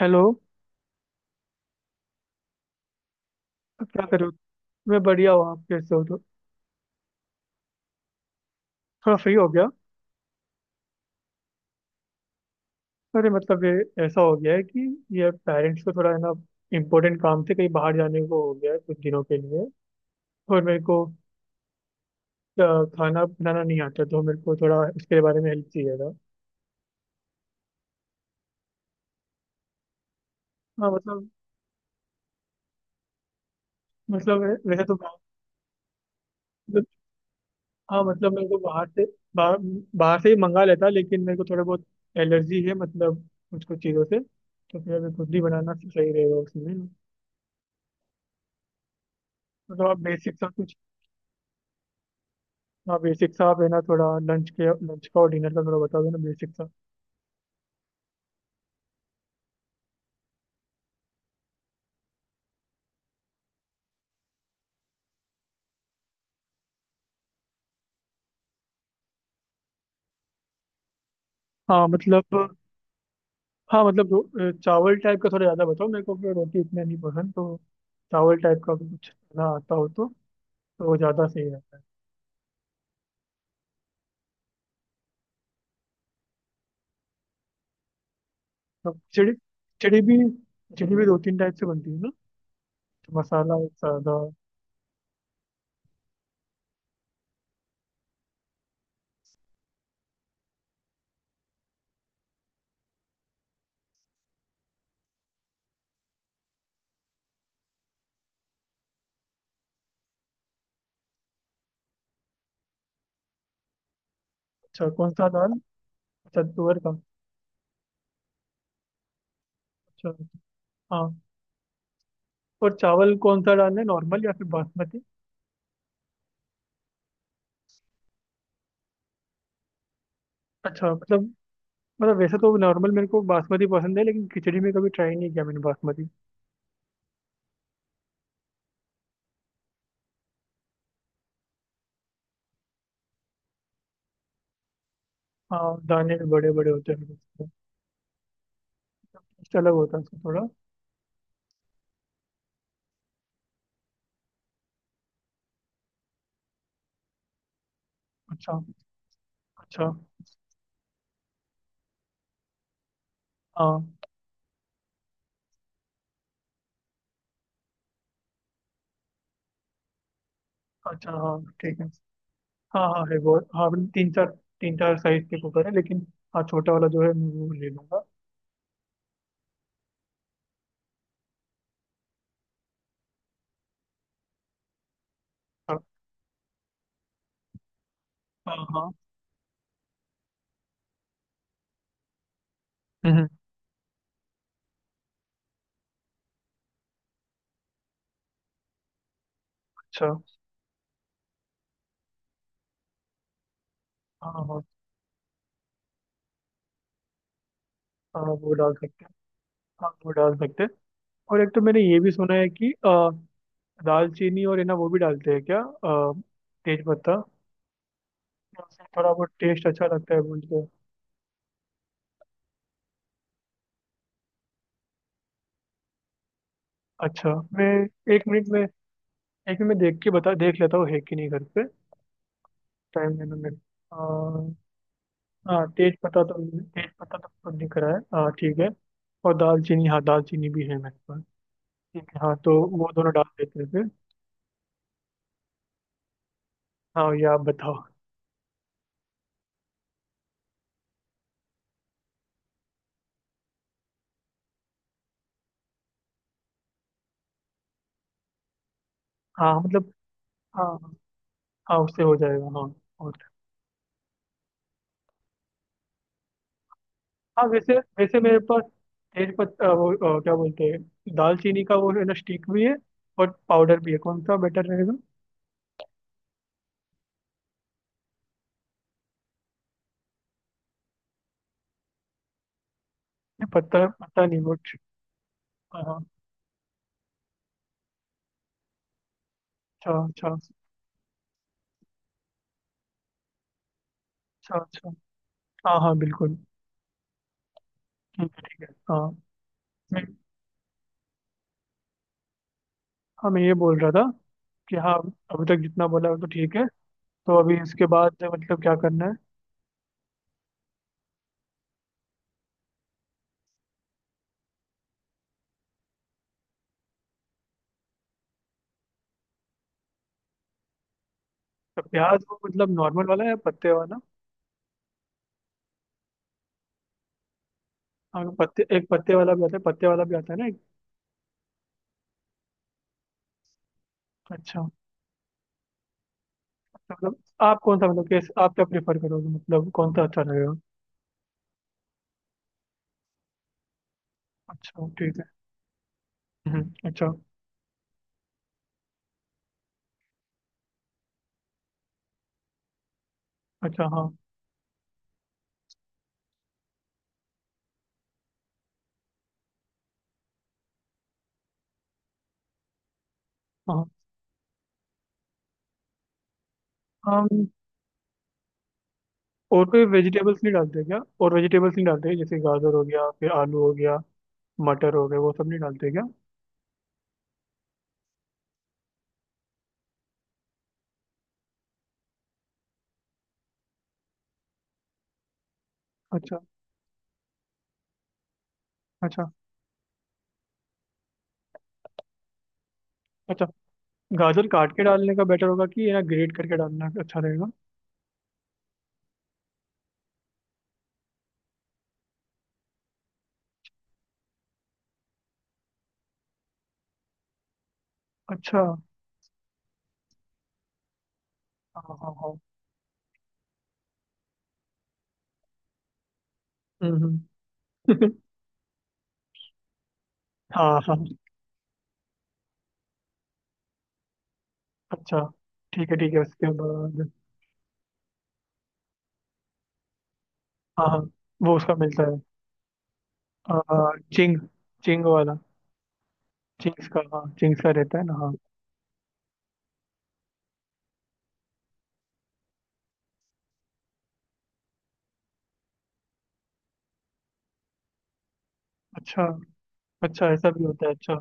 Hello. क्या करो? मैं बढ़िया हूँ, आप कैसे हो? तो थोड़ा फ्री हो गया। अरे मतलब ये ऐसा हो गया है कि ये पेरेंट्स को, थोड़ा है ना, इम्पोर्टेंट काम से कहीं बाहर जाने को हो गया है कुछ दिनों के लिए। और मेरे को अ, खाना बनाना नहीं आता, तो मेरे को थोड़ा इसके बारे में हेल्प चाहिए था। हाँ मतलब। मतलब वैसे तो बाहर, मतलब, हाँ मतलब मेरे को बाहर से, बाहर बाहर से ही मंगा लेता, लेकिन मेरे को थोड़ा बहुत एलर्जी है, मतलब कुछ कुछ चीज़ों से। तो फिर अभी खुद ही बनाना सही रहेगा उसमें। मतलब आप बेसिक सा कुछ, हाँ बेसिक सा, आप है ना, थोड़ा लंच का और डिनर का थोड़ा बता दो ना बेसिक सा। हाँ मतलब। हाँ मतलब, चावल टाइप का थोड़ा ज़्यादा बताओ मेरे को, क्योंकि रोटी इतना नहीं पसंद। तो चावल टाइप का कुछ खाना आता हो तो वो ज़्यादा सही रहता है। तो खिचड़ी, खिचड़ी भी दो तीन टाइप से बनती है ना? तो मसाला, एक सादा। अच्छा, कौन सा दाल? अच्छा, तुअर का। अच्छा, हाँ। और चावल कौन सा डालना है, नॉर्मल या फिर बासमती? अच्छा मतलब, मतलब वैसे तो नॉर्मल, मेरे को बासमती पसंद है, लेकिन खिचड़ी में कभी ट्राई नहीं किया मैंने बासमती। हाँ, दाने भी बड़े बड़े होते हैं उसके। उससे अलग होता है उसका थोड़ा। अच्छा। अच्छा। हाँ। अच्छा। हाँ। ठीक है। हाँ हाँ है वो। हाँ मतलब, तीन चार साइज के कुकर है लेकिन, हाँ छोटा वाला जो है मैं वो ले लूंगा। हाँ। हाँ। हाँ। हम्म हम्म, अच्छा। हाँ। हाँ। हाँ वो डाल सकते हैं। हाँ वो डाल सकते हैं। और एक तो मैंने ये भी सुना है कि दालचीनी और है ना वो भी डालते हैं क्या, तेज पत्ता? उससे थोड़ा बहुत टेस्ट अच्छा लगता है बोलते हैं। अच्छा। मैं एक मिनट में, एक मिनट मैं देख के बता देख लेता हूँ है कि नहीं घर पे। टाइम लेना मेरे को। हाँ तेज पत्ता तो, तेज पत्ता तो खुद दिख रहा है, हाँ ठीक है। और दालचीनी, हाँ दालचीनी भी है मेरे पास। ठीक है, हाँ तो वो दोनों डाल देते हैं फिर। हाँ, ये आप बताओ। हाँ मतलब। हाँ, हाँ उससे हो जाएगा हाँ। और हाँ। वैसे, मेरे पास तेज पत्ता, वो क्या बोलते हैं, दालचीनी का वो है ना, स्टिक भी है और पाउडर भी है, कौन सा बेटर रहेगा? नहीं, पत्ता, पत्ता नहीं वो। हाँ हाँ। अच्छा अच्छा। अच्छा अच्छा। हाँ हाँ बिल्कुल। ठीक है हाँ। मैं, हाँ मैं ये बोल रहा था कि, हाँ अभी तक जितना बोला वो तो ठीक है, तो अभी इसके बाद मतलब क्या करना है? तो प्याज वो मतलब नॉर्मल वाला या पत्ते वाला? हाँ पत्ते एक पत्ते वाला भी आता है, पत्ते वाला भी आता है ना एक। अच्छा तो मतलब आप कौन सा, मतलब कैसे आप, क्या प्रेफर करोगे मतलब, कौन सा अच्छा लगेगा? अच्छा ठीक है। अच्छा। अच्छा हाँ। हाँ। हाँ। हम। और कोई वेजिटेबल्स नहीं डालते क्या? और वेजिटेबल्स नहीं डालते, जैसे गाजर हो गया, फिर आलू हो गया, मटर हो गया, वो सब नहीं डालते क्या? अच्छा। अच्छा। अच्छा। गाजर काट के डालने का बेटर होगा कि, ये ना, ग्रेट करके डालना अच्छा रहेगा? अच्छा। हाँ हाँ हाँ। हम्म। हाँ हाँ। अच्छा। ठीक है ठीक है। उसके बाद? हाँ हाँ, वो उसका मिलता है। चिंग, चिंग वाला। चिंग्स का, हाँ चिंग्स का रहता है ना हाँ। अच्छा। अच्छा ऐसा भी होता है, अच्छा।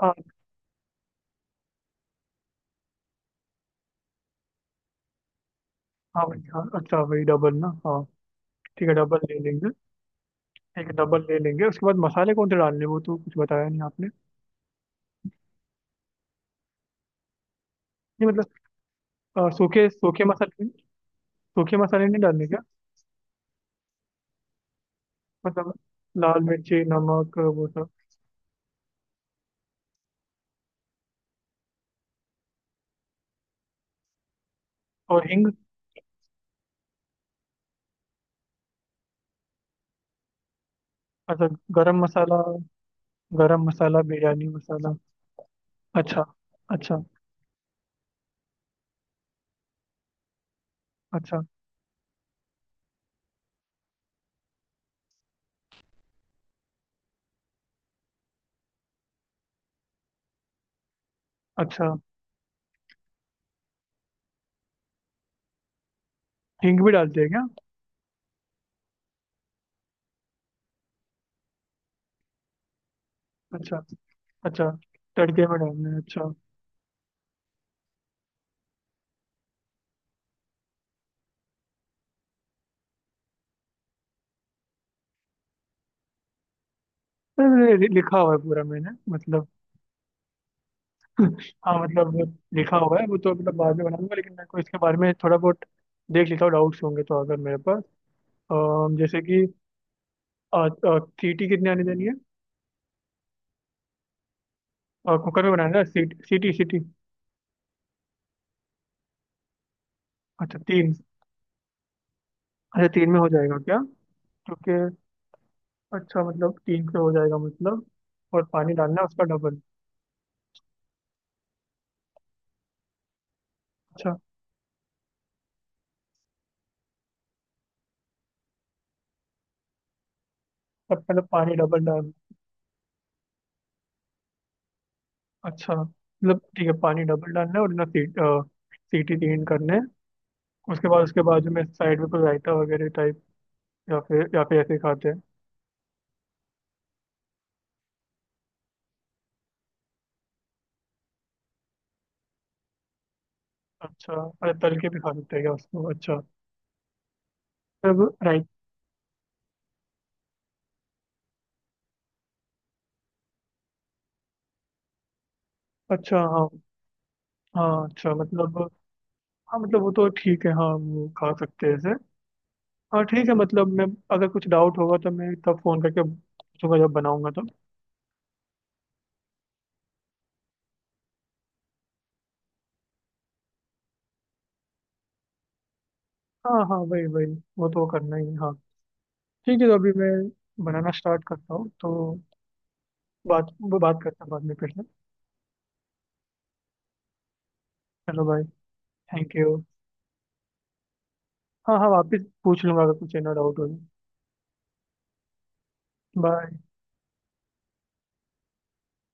हाँ हाँ भाई, हाँ अच्छा वही डबल ना, हाँ। ठीक है डबल ले लेंगे। ठीक है डबल ले लेंगे, उसके बाद मसाले कौन से डालने हैं, वो तो कुछ बताया नहीं आपने। नहीं मतलब, सूखे सूखे मसाले, सूखे मसाले नहीं डालने क्या? मतलब लाल मिर्ची नमक वो सब, और हिंग। अच्छा। गरम मसाला। गरम मसाला, बिरयानी मसाला? अच्छा। अच्छा। अच्छा। अच्छा हिंग भी डालते हैं क्या? अच्छा। अच्छा तड़के में डालना है, अच्छा। अरे, लिखा हुआ है पूरा मैंने मतलब। हाँ मतलब वो लिखा हुआ है, वो तो मतलब बाद में बनाऊंगा, लेकिन मेरे को इसके बारे में थोड़ा बहुत देख लिखा डाउट्स होंगे तो, अगर मेरे पास जैसे कि, अ, सीटी कितनी आनी देनी है, कुकर में बनाना है, सीटी सीटी सीटी? अच्छा तीन। अच्छा तीन में हो जाएगा क्या? क्योंकि, अच्छा मतलब तीन पे हो जाएगा मतलब, और पानी डालना है उसका डबल। अच्छा। तब मतलब पानी डबल डाल। अच्छा मतलब ठीक है, पानी डबल डालना है और ना सीट सीटी तीन करने हैं। उसके बाद, उसके बाजू में साइड में कोई रायता वगैरह टाइप, या फिर ऐसे ही खाते हैं? अच्छा। अरे तल के भी खा सकते हैं क्या उसको, अच्छा? मतलब राइट। अच्छा हाँ हाँ। अच्छा मतलब, हाँ मतलब वो तो ठीक है, हाँ वो खा सकते हैं ऐसे। हाँ ठीक है मतलब मैं, अगर कुछ डाउट होगा तो मैं तब फ़ोन करके पूछूंगा जब बनाऊंगा तो। हाँ हाँ वही वही, वो तो करना ही है, हाँ। ठीक है, तो अभी मैं बनाना स्टार्ट करता हूँ तो, बात, वो बात करते हैं बाद में फिर से। चलो भाई। Thank you. हाँ हाँ वापस पूछ लूंगा अगर कुछ ना डाउट हो। बाय।